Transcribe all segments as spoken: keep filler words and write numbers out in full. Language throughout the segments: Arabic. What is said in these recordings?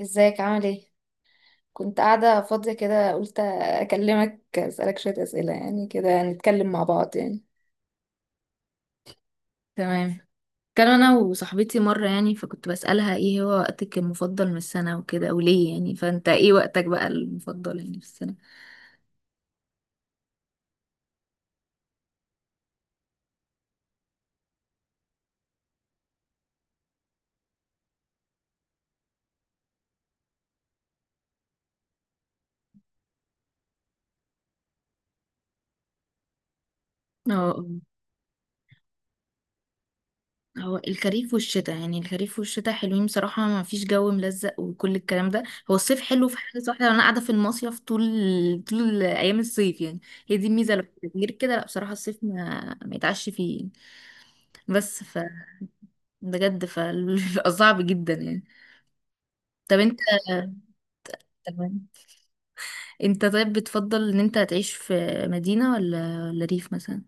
ازيك؟ عامل ايه؟ كنت قاعدة فاضية كده قلت اكلمك اسألك شوية اسئلة، يعني كده نتكلم مع بعض يعني. تمام. كان انا وصاحبتي مره يعني فكنت بسالها ايه هو وقتك المفضل من السنه وكده وليه يعني، فانت ايه وقتك بقى المفضل يعني في السنه؟ اه، هو الخريف والشتاء يعني، الخريف والشتاء حلوين بصراحة، ما فيش جو ملزق وكل الكلام ده. هو الصيف حلو في حاجة واحدة، انا قاعدة في المصيف طول طول ايام الصيف يعني. هي دي الميزة، لو غير كده لا بصراحة الصيف ما ما يتعش فيه. بس ف بجد فبيبقى صعب جدا يعني. طب انت. تمام. انت طيب، بتفضل ان انت تعيش في مدينة ولا ولا ريف مثلا؟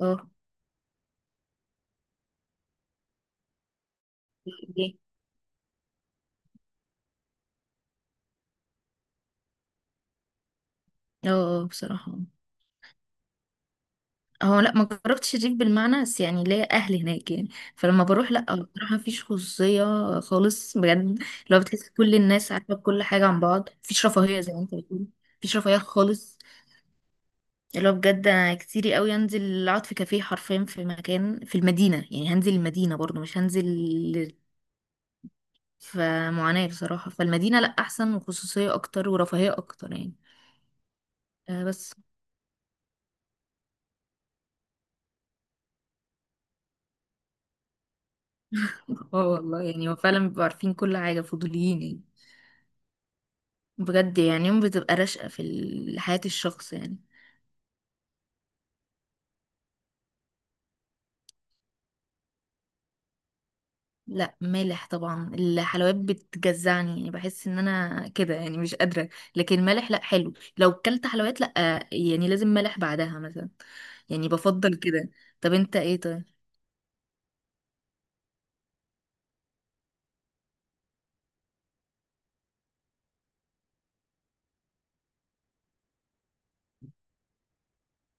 اه. ليه؟ اه آه، بصراحة. هو لا ما جربتش الريف بالمعنى، بس يعني ليا اهل هناك يعني، فلما بروح لا بصراحه مفيش خصوصيه خالص بجد. لو بتحس كل الناس عارفه كل حاجه عن بعض، مفيش رفاهيه زي ما انت بتقول. مفيش رفاهيه خالص. اللي هو بجد انا كتيري قوي انزل اقعد في كافيه حرفيا في مكان في المدينه يعني، هنزل المدينه برضو مش هنزل في معاناه بصراحه. فالمدينه لا احسن، وخصوصيه اكتر ورفاهيه اكتر يعني. آه بس. اه والله يعني هو فعلا بيبقوا عارفين كل حاجه، فضوليين يعني. بجد يعني، يوم بتبقى راشقة في ال- حياة الشخص يعني. لا مالح طبعا، الحلويات بتجزعني يعني بحس ان انا كده يعني مش قادرة. لكن مالح لا، حلو لو كلت حلويات لا، يعني لازم مالح بعدها مثلا. يعني بفضل كده. طب انت ايه طيب؟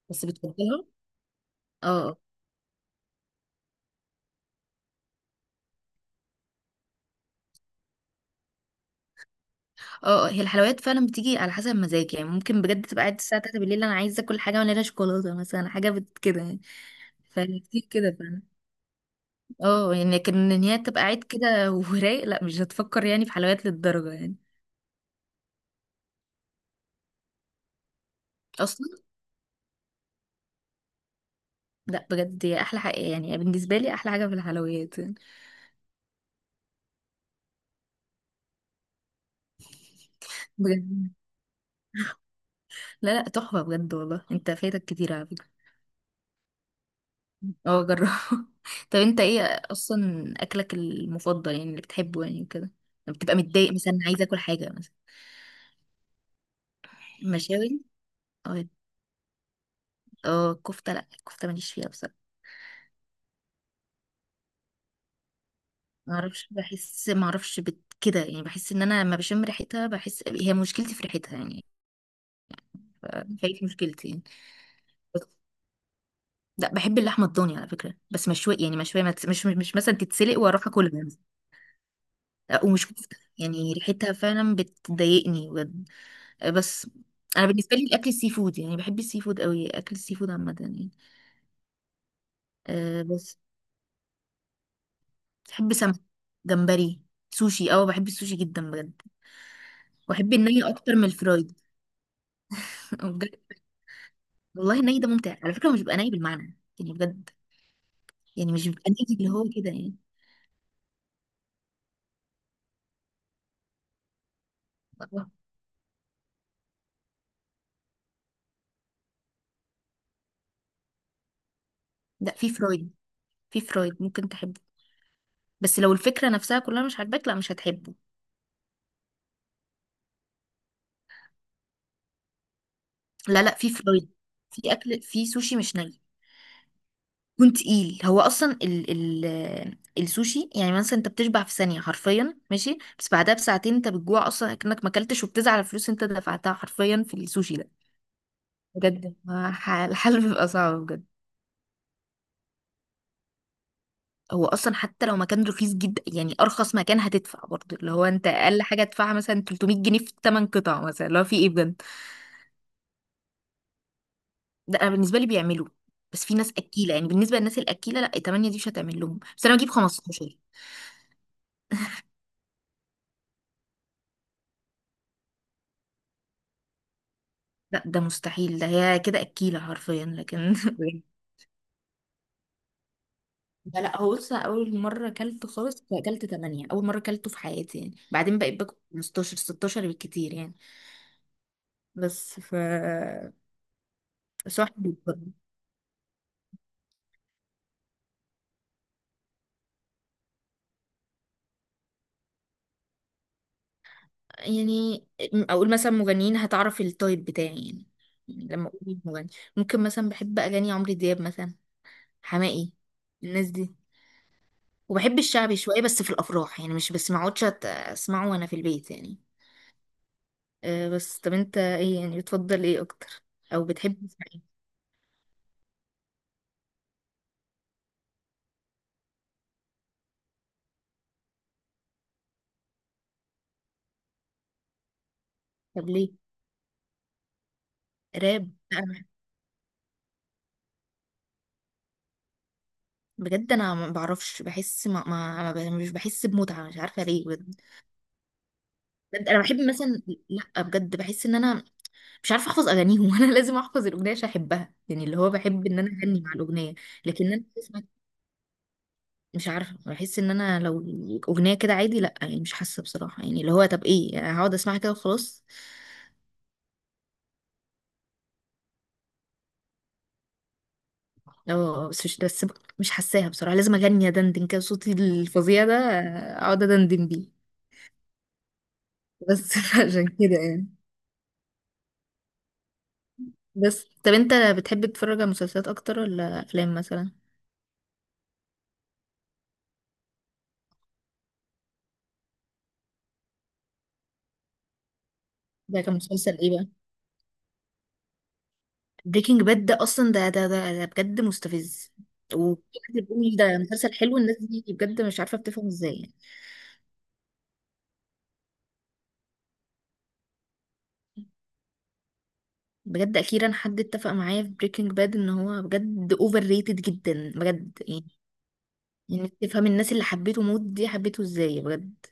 بس بتفضلها؟ اه. اه اه، هي الحلويات فعلا بتيجي على حسب المزاج يعني. ممكن بجد تبقى قاعد الساعة تلاتة بالليل انا عايزة اكل حاجة مليانة شوكولاتة مثلا، حاجة بت- كده يعني. فكتير كده فعلا. اه يعني، لكن ان هي تبقى قاعد كده ورايق لا مش هتفكر يعني في حلويات للدرجة يعني. اصلا. لا بجد هي احلى حاجة يعني، بالنسبة لي احلى حاجة في الحلويات يعني. بجد. لا لا، تحفة بجد، والله انت فايتك كتير على فكرة. اه جربه. طب انت ايه اصلا اكلك المفضل يعني، اللي بتحبه يعني كده، لما بتبقى متضايق مثلا عايز اكل حاجة مثلا؟ مشاوي. اه. اه كفتة، لا الكفتة ماليش فيها بصراحة. معرفش، بحس معرفش بت... كده يعني، بحس ان انا لما بشم ريحتها بحس هي مشكلتي في ريحتها يعني. فهي دي مشكلتي يعني. بس- لا بحب اللحمه الضاني على فكره، بس مشويه يعني، مشويه ما تس- مش مش, مش مثلا تتسلق واروح اكلها. لا، ومش كفته يعني، ريحتها فعلا بتضايقني بجد. بس انا بالنسبه لي الاكل السي فود يعني، بحب السي فود قوي، اكل السي فود عامه يعني. أه بس. بحب سمك، جمبري، سوشي. اه بحب السوشي جدا بجد. واحب الني اكتر من الفرايد. بجد. والله الني ده ممتع على فكره، هو مش بيبقى ني بالمعنى يعني بجد، يعني مش بيبقى ني اللي هو كده يعني. لا في فرايد. في فرايد ممكن تحب، بس لو الفكرة نفسها كلها مش عاجباك لا مش هتحبه. لا لا، في فرايد، في أكل في سوشي مش ني. كنت تقيل. هو أصلا ال ال السوشي يعني، مثلا أنت بتشبع في ثانية حرفيا ماشي، بس بعدها بساعتين أنت بتجوع أصلا أكنك ما أكلتش، وبتزعل على الفلوس أنت دفعتها حرفيا في السوشي ده. بجد ما ح- الحل بيبقى صعب بجد. هو أصلا حتى لو مكان رخيص جدا يعني، أرخص مكان هتدفع برضه اللي هو أنت أقل حاجة تدفعها مثلا تلتمية جنيه في تمن قطع مثلا، اللي هو في إيه بجد. ده انا بالنسبه لي بيعملوا، بس في ناس اكيله يعني، بالنسبه للناس الاكيله لا تمانية دي مش هتعمل لهم، بس انا بجيب خمسة عشر. لا ده مستحيل، ده هي كده اكيله حرفيا لكن بجد. لا لا، هو بص اول مره اكلت خالص اكلت تمانية اول مره اكلته في حياتي يعني، بعدين بقيت باكل خمستاشر ستاشر بالكتير يعني. بس ف صح. يعني اقول مثلا مغنيين هتعرف التايب بتاعي يعني، يعني لما اقول مين مغني. ممكن مثلا بحب اغاني عمرو دياب مثلا، حماقي، الناس دي. وبحب الشعبي شوية بس في الأفراح يعني، مش بس ما اقعدش أت- أسمعه وأنا في البيت يعني. أه بس، طب أنت إيه يعني، بتفضل إيه أكتر؟ أو بتحب تسمع إيه؟ طب ليه؟ راب؟ لا. بجد أنا ما بعرفش، بحس ما, ما, ما ب- مش بحس بمتعة، مش عارفة ليه بجد. بجد أنا بحب مثلا. لا بجد بحس إن أنا مش عارفة أحفظ أغانيهم، وأنا لازم أحفظ الأغنية عشان أحبها يعني، اللي هو بحب إن أنا أغني مع الأغنية. لكن أنا مش عارفه، بحس ان انا لو اغنيه كده عادي لا يعني مش حاسه بصراحه، يعني اللي هو طب ايه يعني، هقعد اسمعها كده وخلاص. اه بس مش، بس مش حاساها بصراحه، لازم اغني ادندن كده صوتي الفظيع ده، اقعد ادندن بيه. بس عشان كده يعني. بس طب انت بتحب تتفرج على مسلسلات اكتر ولا افلام مثلا؟ ده كان مسلسل ايه بقى؟ بريكنج باد؟ ده اصلا ده ده ده, ده بجد مستفز، وبجد. بيقول ده مسلسل حلو، الناس دي بجد مش عارفه بتفهم ازاي يعني. بجد اخيرا حد اتفق معايا في بريكنج باد ان هو بجد اوفر ريتد جدا بجد يعني. يعني تفهم الناس اللي حبيته موت دي حبيته ازاي بجد.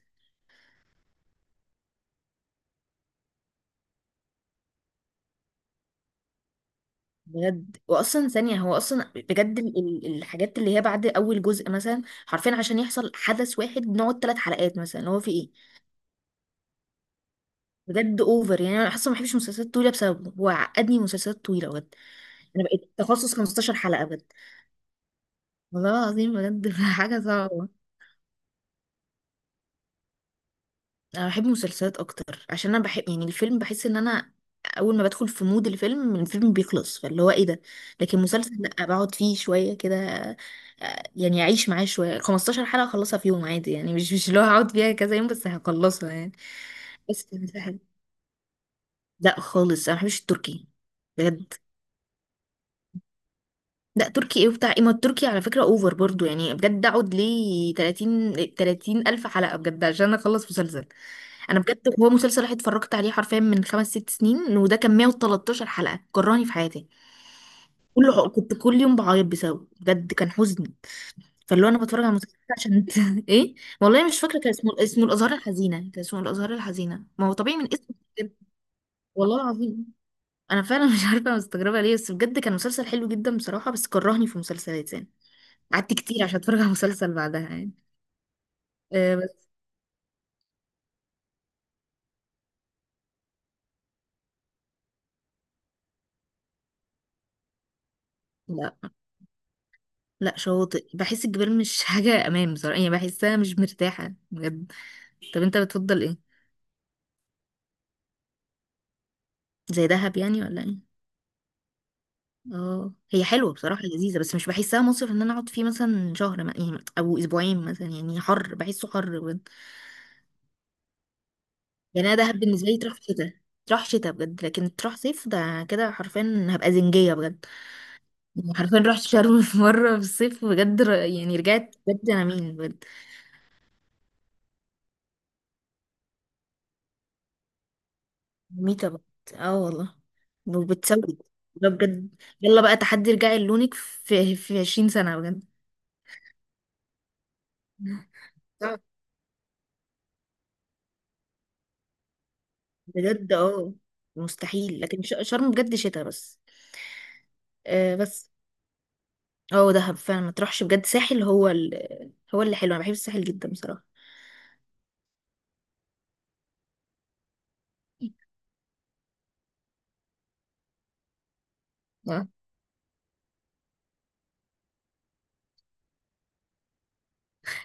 بجد، واصلا ثانيه هو اصلا بجد ال- ال- الحاجات اللي هي بعد اول جزء مثلا حرفيا، عشان يحصل حدث واحد بنقعد ثلاث حلقات مثلا، هو في ايه بجد اوفر يعني. انا اصلا ما بحبش مسلسلات طويله بسببه، هو عقدني مسلسلات طويله بجد. انا بقيت تخصص خمستاشر حلقه بجد والله العظيم، بجد حاجه صعبه. انا بحب المسلسلات اكتر عشان انا بحب يعني، الفيلم بحس ان انا اول ما بدخل في مود الفيلم الفيلم بيخلص، فاللي هو ايه ده. لكن مسلسل لا، بقعد فيه شويه كده آه، يعني اعيش معاه شويه. خمستاشر حلقه اخلصها في يوم عادي يعني، مش مش اللي هو هقعد فيها كذا يوم، بس هخلصها يعني. بس كانت حلوة. لا خالص، انا ما بحبش التركي. بجد. لا تركي ايه وبتاع ايه، ما التركي على فكره اوفر برضو يعني، بجد اقعد ليه تلاتين 30 الف حلقه بجد عشان اخلص مسلسل. انا بجد هو مسلسل واحد اتفرجت عليه حرفيا من خمس ست سنين، وده كان مية وتلتاشر حلقة كرهني في حياتي. كله كنت كل يوم بعيط بسببه بجد، كان حزن. فاللي هو انا بتفرج على مسلسل عشان ايه؟ والله مش فاكرة، كان اسمه اسمه الازهار الحزينة، كان اسمه الازهار الحزينة، ما هو طبيعي من اسمه كده. والله العظيم انا فعلا مش عارفة مستغربة ليه، بس بجد كان مسلسل حلو جدا بصراحة، بس كرهني في مسلسلات يعني، قعدت كتير عشان اتفرج على مسلسل بعدها يعني. أه بس. لا لا، شاطئ، بحس الجبال مش حاجة أمان بصراحة يعني، بحسها مش مرتاحة بجد. طب انت بتفضل ايه؟ زي دهب يعني ولا ايه؟ اه هي حلوه بصراحه لذيذه، بس مش بحسها مصيف ان انا اقعد فيه مثلا شهر ما- يعني، او اسبوعين مثلا يعني، حر بحسه حر بجد. يعني انا دهب بالنسبه لي تروح شتاء، تروح شتاء بجد، لكن تروح صيف ده كده حرفيا هبقى زنجيه بجد. يعني حرفيا رحت شرم في مره في الصيف بجد، ر- يعني رجعت بجد انا مين بجد. ميتة بجد. اه والله. وبتسود، ده بجد. يلا بقى تحدي رجعي لونك في في عشرين سنه. بجد. بجد اه، مستحيل، لكن ش- شرم بجد شتاء بس. آه بس. اه دهب فعلا ما تروحش بجد، ساحل هو ال... هو اللي حلو، انا بحب الساحل جدا بصراحة. آه.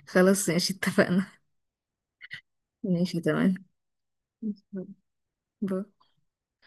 خلاص ماشي، اتفقنا. ماشي تمام. باي.